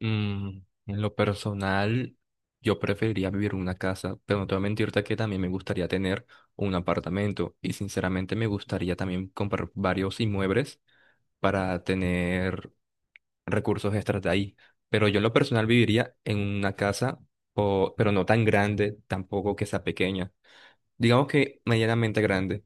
Mm, en lo personal, yo preferiría vivir en una casa, pero no te voy a mentirte que también me gustaría tener un apartamento y sinceramente me gustaría también comprar varios inmuebles para tener recursos extras de ahí. Pero yo en lo personal viviría en una casa, pero no tan grande, tampoco que sea pequeña. Digamos que medianamente grande.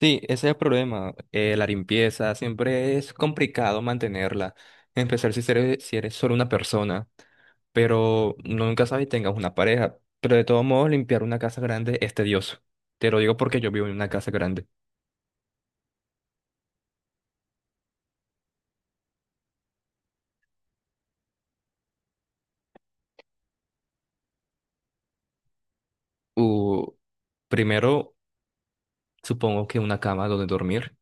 Sí, ese es el problema. La limpieza siempre es complicado mantenerla. Empezar si eres solo una persona. Pero uno nunca sabes si tengas una pareja. Pero de todos modos, limpiar una casa grande es tedioso. Te lo digo porque yo vivo en una casa grande. Uh, Primero, supongo que una cama donde dormir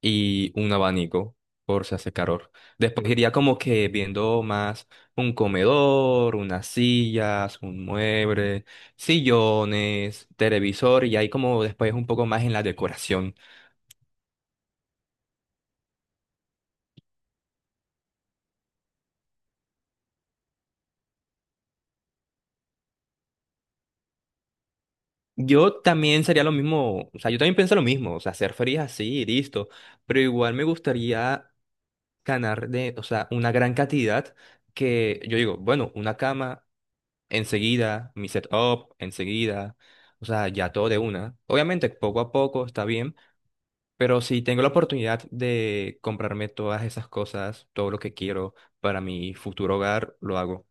y un abanico por si hace calor. Después iría como que viendo más un comedor, unas sillas, un mueble, sillones, televisor y ahí como después un poco más en la decoración. Yo también sería lo mismo, o sea, yo también pienso lo mismo, o sea, ser feliz así y listo, pero igual me gustaría ganar de, o sea, una gran cantidad que yo digo, bueno, una cama enseguida, mi setup enseguida, o sea, ya todo de una. Obviamente, poco a poco está bien, pero si tengo la oportunidad de comprarme todas esas cosas, todo lo que quiero para mi futuro hogar, lo hago.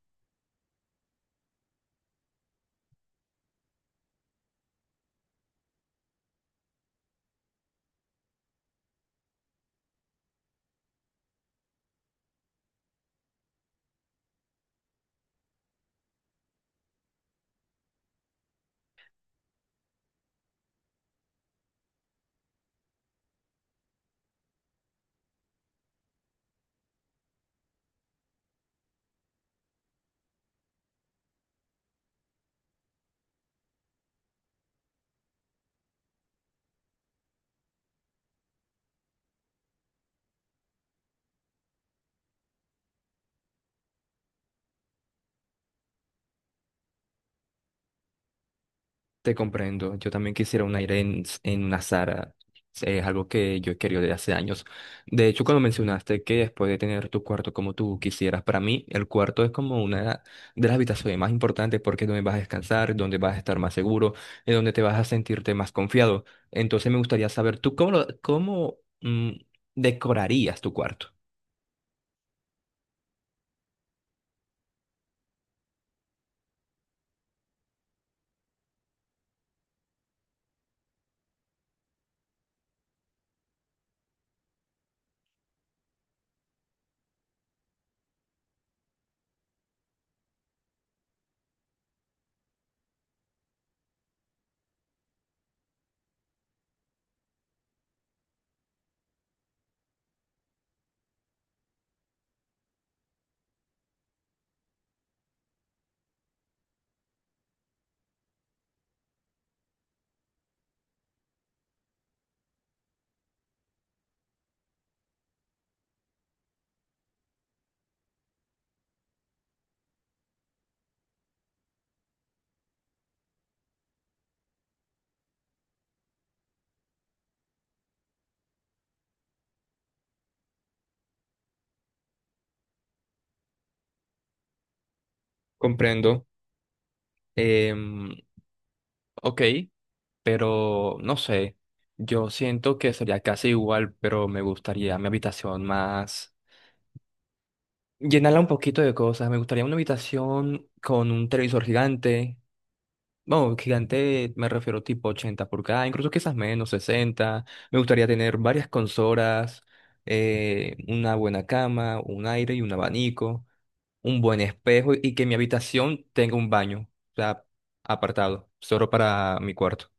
Te comprendo. Yo también quisiera un aire en una Zara. Es algo que yo he querido desde hace años. De hecho, cuando mencionaste que después de tener tu cuarto como tú quisieras, para mí el cuarto es como una de las habitaciones más importantes porque es donde vas a descansar, donde vas a estar más seguro, es donde te vas a sentirte más confiado. Entonces me gustaría saber tú cómo, cómo decorarías tu cuarto. Comprendo. Em, ok. Pero no sé, yo siento que sería casi igual, pero me gustaría mi habitación más, llenarla un poquito de cosas, me gustaría una habitación con un televisor gigante, bueno, gigante me refiero tipo 80 pulgadas, incluso quizás menos, 60, me gustaría tener varias consolas, una buena cama, un aire y un abanico, un buen espejo y que mi habitación tenga un baño, o sea, apartado, solo para mi cuarto.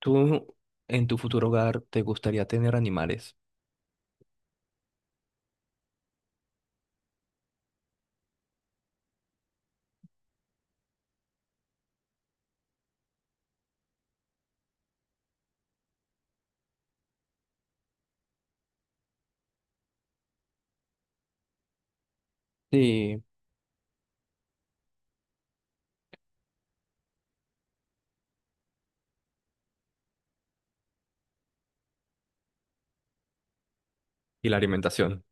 ¿Tú en tu futuro hogar te gustaría tener animales? Sí. Y la alimentación.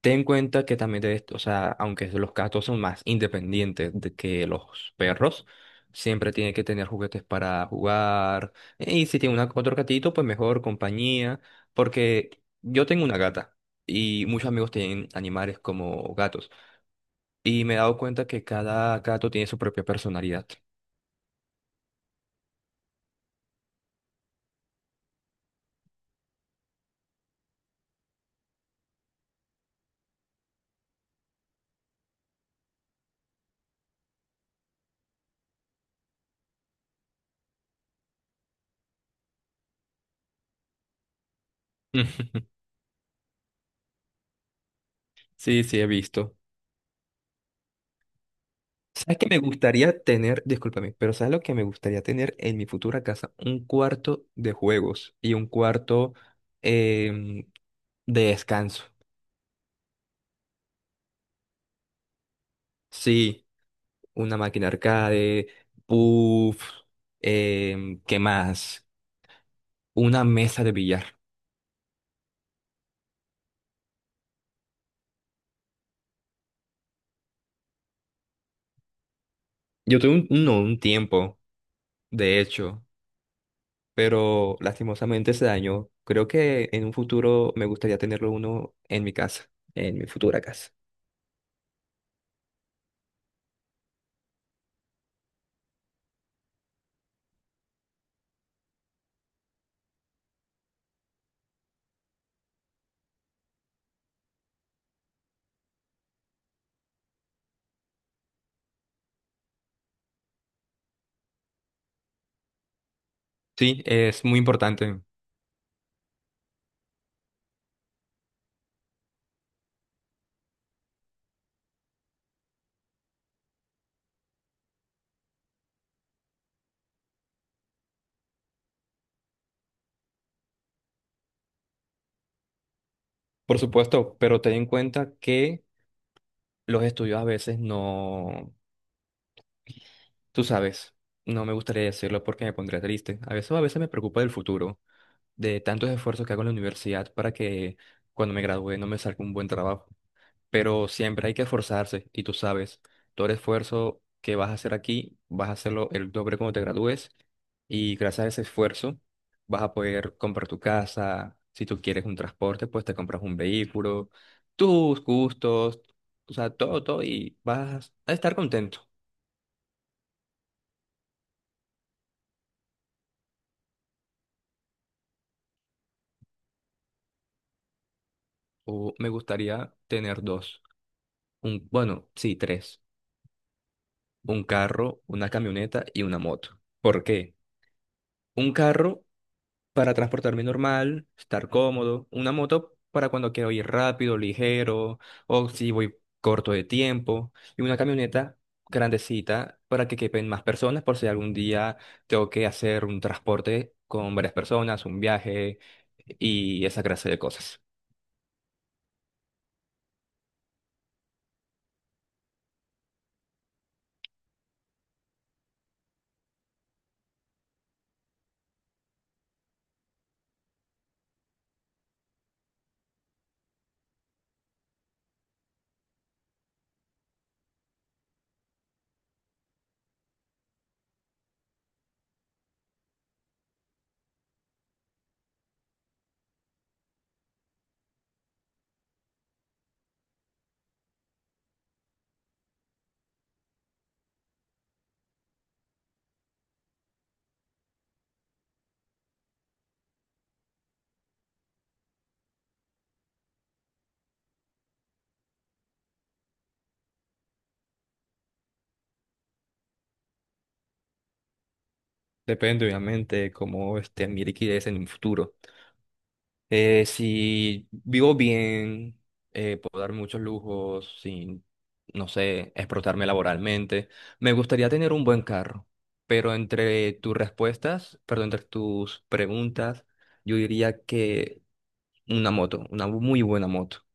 Ten en cuenta que también, de esto, o sea, aunque los gatos son más independientes de que los perros, siempre tienen que tener juguetes para jugar. Y si tiene una, otro gatito, pues mejor compañía. Porque yo tengo una gata y muchos amigos tienen animales como gatos. Y me he dado cuenta que cada gato tiene su propia personalidad. Sí, sí, he visto. ¿Sabes qué me gustaría tener? Discúlpame, pero ¿sabes lo que me gustaría tener en mi futura casa? Un cuarto de juegos y un cuarto em, de descanso. Sí, una máquina arcade, puff, em, ¿qué más? Una mesa de billar. Yo tuve un, no, un tiempo, de hecho, pero lastimosamente se dañó. Creo que en un futuro me gustaría tenerlo uno en mi casa, en mi futura casa. Sí, es muy importante. Por supuesto, pero ten en cuenta que los estudios a veces no, tú sabes, no me gustaría decirlo porque me pondría triste. A veces me preocupa del futuro, de tantos esfuerzos que hago en la universidad para que cuando me gradúe no me salga un buen trabajo. Pero siempre hay que esforzarse y tú sabes, todo el esfuerzo que vas a hacer aquí, vas a hacerlo el doble cuando te gradúes y gracias a ese esfuerzo vas a poder comprar tu casa, si tú quieres un transporte, pues te compras un vehículo, tus gustos, o sea, todo, todo y vas a estar contento. O me gustaría tener dos, un, bueno, sí, tres, un carro, una camioneta y una moto. ¿Por qué? Un carro para transportarme normal, estar cómodo. Una moto para cuando quiero ir rápido, ligero, o si voy corto de tiempo. Y una camioneta grandecita para que quepen más personas por si algún día tengo que hacer un transporte con varias personas, un viaje y esa clase de cosas. Depende, obviamente, cómo esté mi liquidez en un futuro. Si vivo bien, puedo dar muchos lujos sin, no sé, explotarme laboralmente. Me gustaría tener un buen carro, pero entre tus respuestas, perdón, entre tus preguntas, yo diría que una moto, una muy buena moto.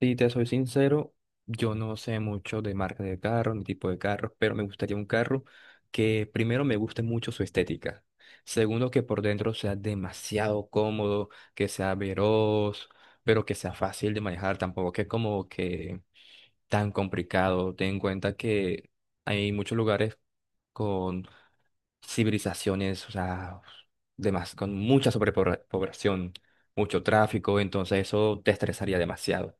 Si te soy sincero, yo no sé mucho de marca de carro ni tipo de carros, pero me gustaría un carro que primero me guste mucho su estética. Segundo, que por dentro sea demasiado cómodo, que sea veloz, pero que sea fácil de manejar, tampoco que como que tan complicado. Ten en cuenta que hay muchos lugares con civilizaciones, o sea, con mucha sobrepoblación, mucho tráfico, entonces eso te estresaría demasiado.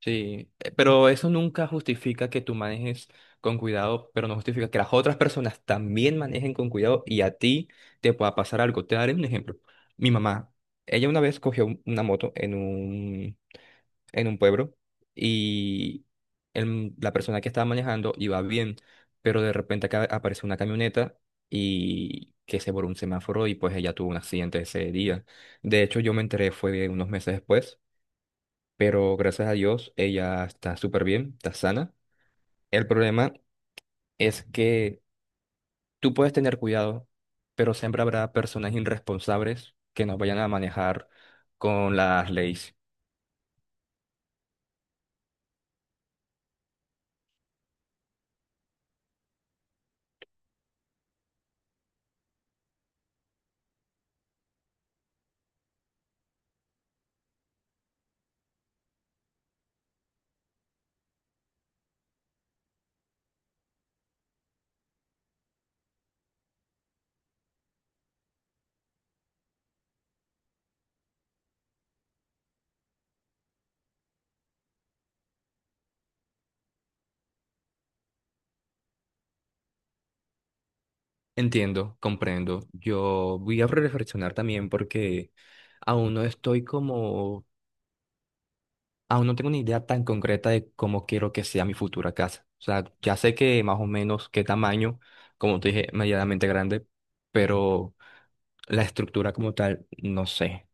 Sí, pero eso nunca justifica que tú manejes con cuidado, pero no justifica que las otras personas también manejen con cuidado y a ti te pueda pasar algo. Te daré un ejemplo. Mi mamá, ella una vez cogió una moto en un pueblo y la persona que estaba manejando iba bien, pero de repente acá apareció una camioneta y que se voló un semáforo y pues ella tuvo un accidente ese día. De hecho, yo me enteré fue unos meses después, pero gracias a Dios ella está súper bien, está sana. El problema es que tú puedes tener cuidado, pero siempre habrá personas irresponsables que nos vayan a manejar con las leyes. Entiendo, comprendo. Yo voy a reflexionar también porque aún no estoy como, aún no tengo una idea tan concreta de cómo quiero que sea mi futura casa. O sea, ya sé que más o menos qué tamaño, como te dije, medianamente grande, pero... La estructura como tal, no sé.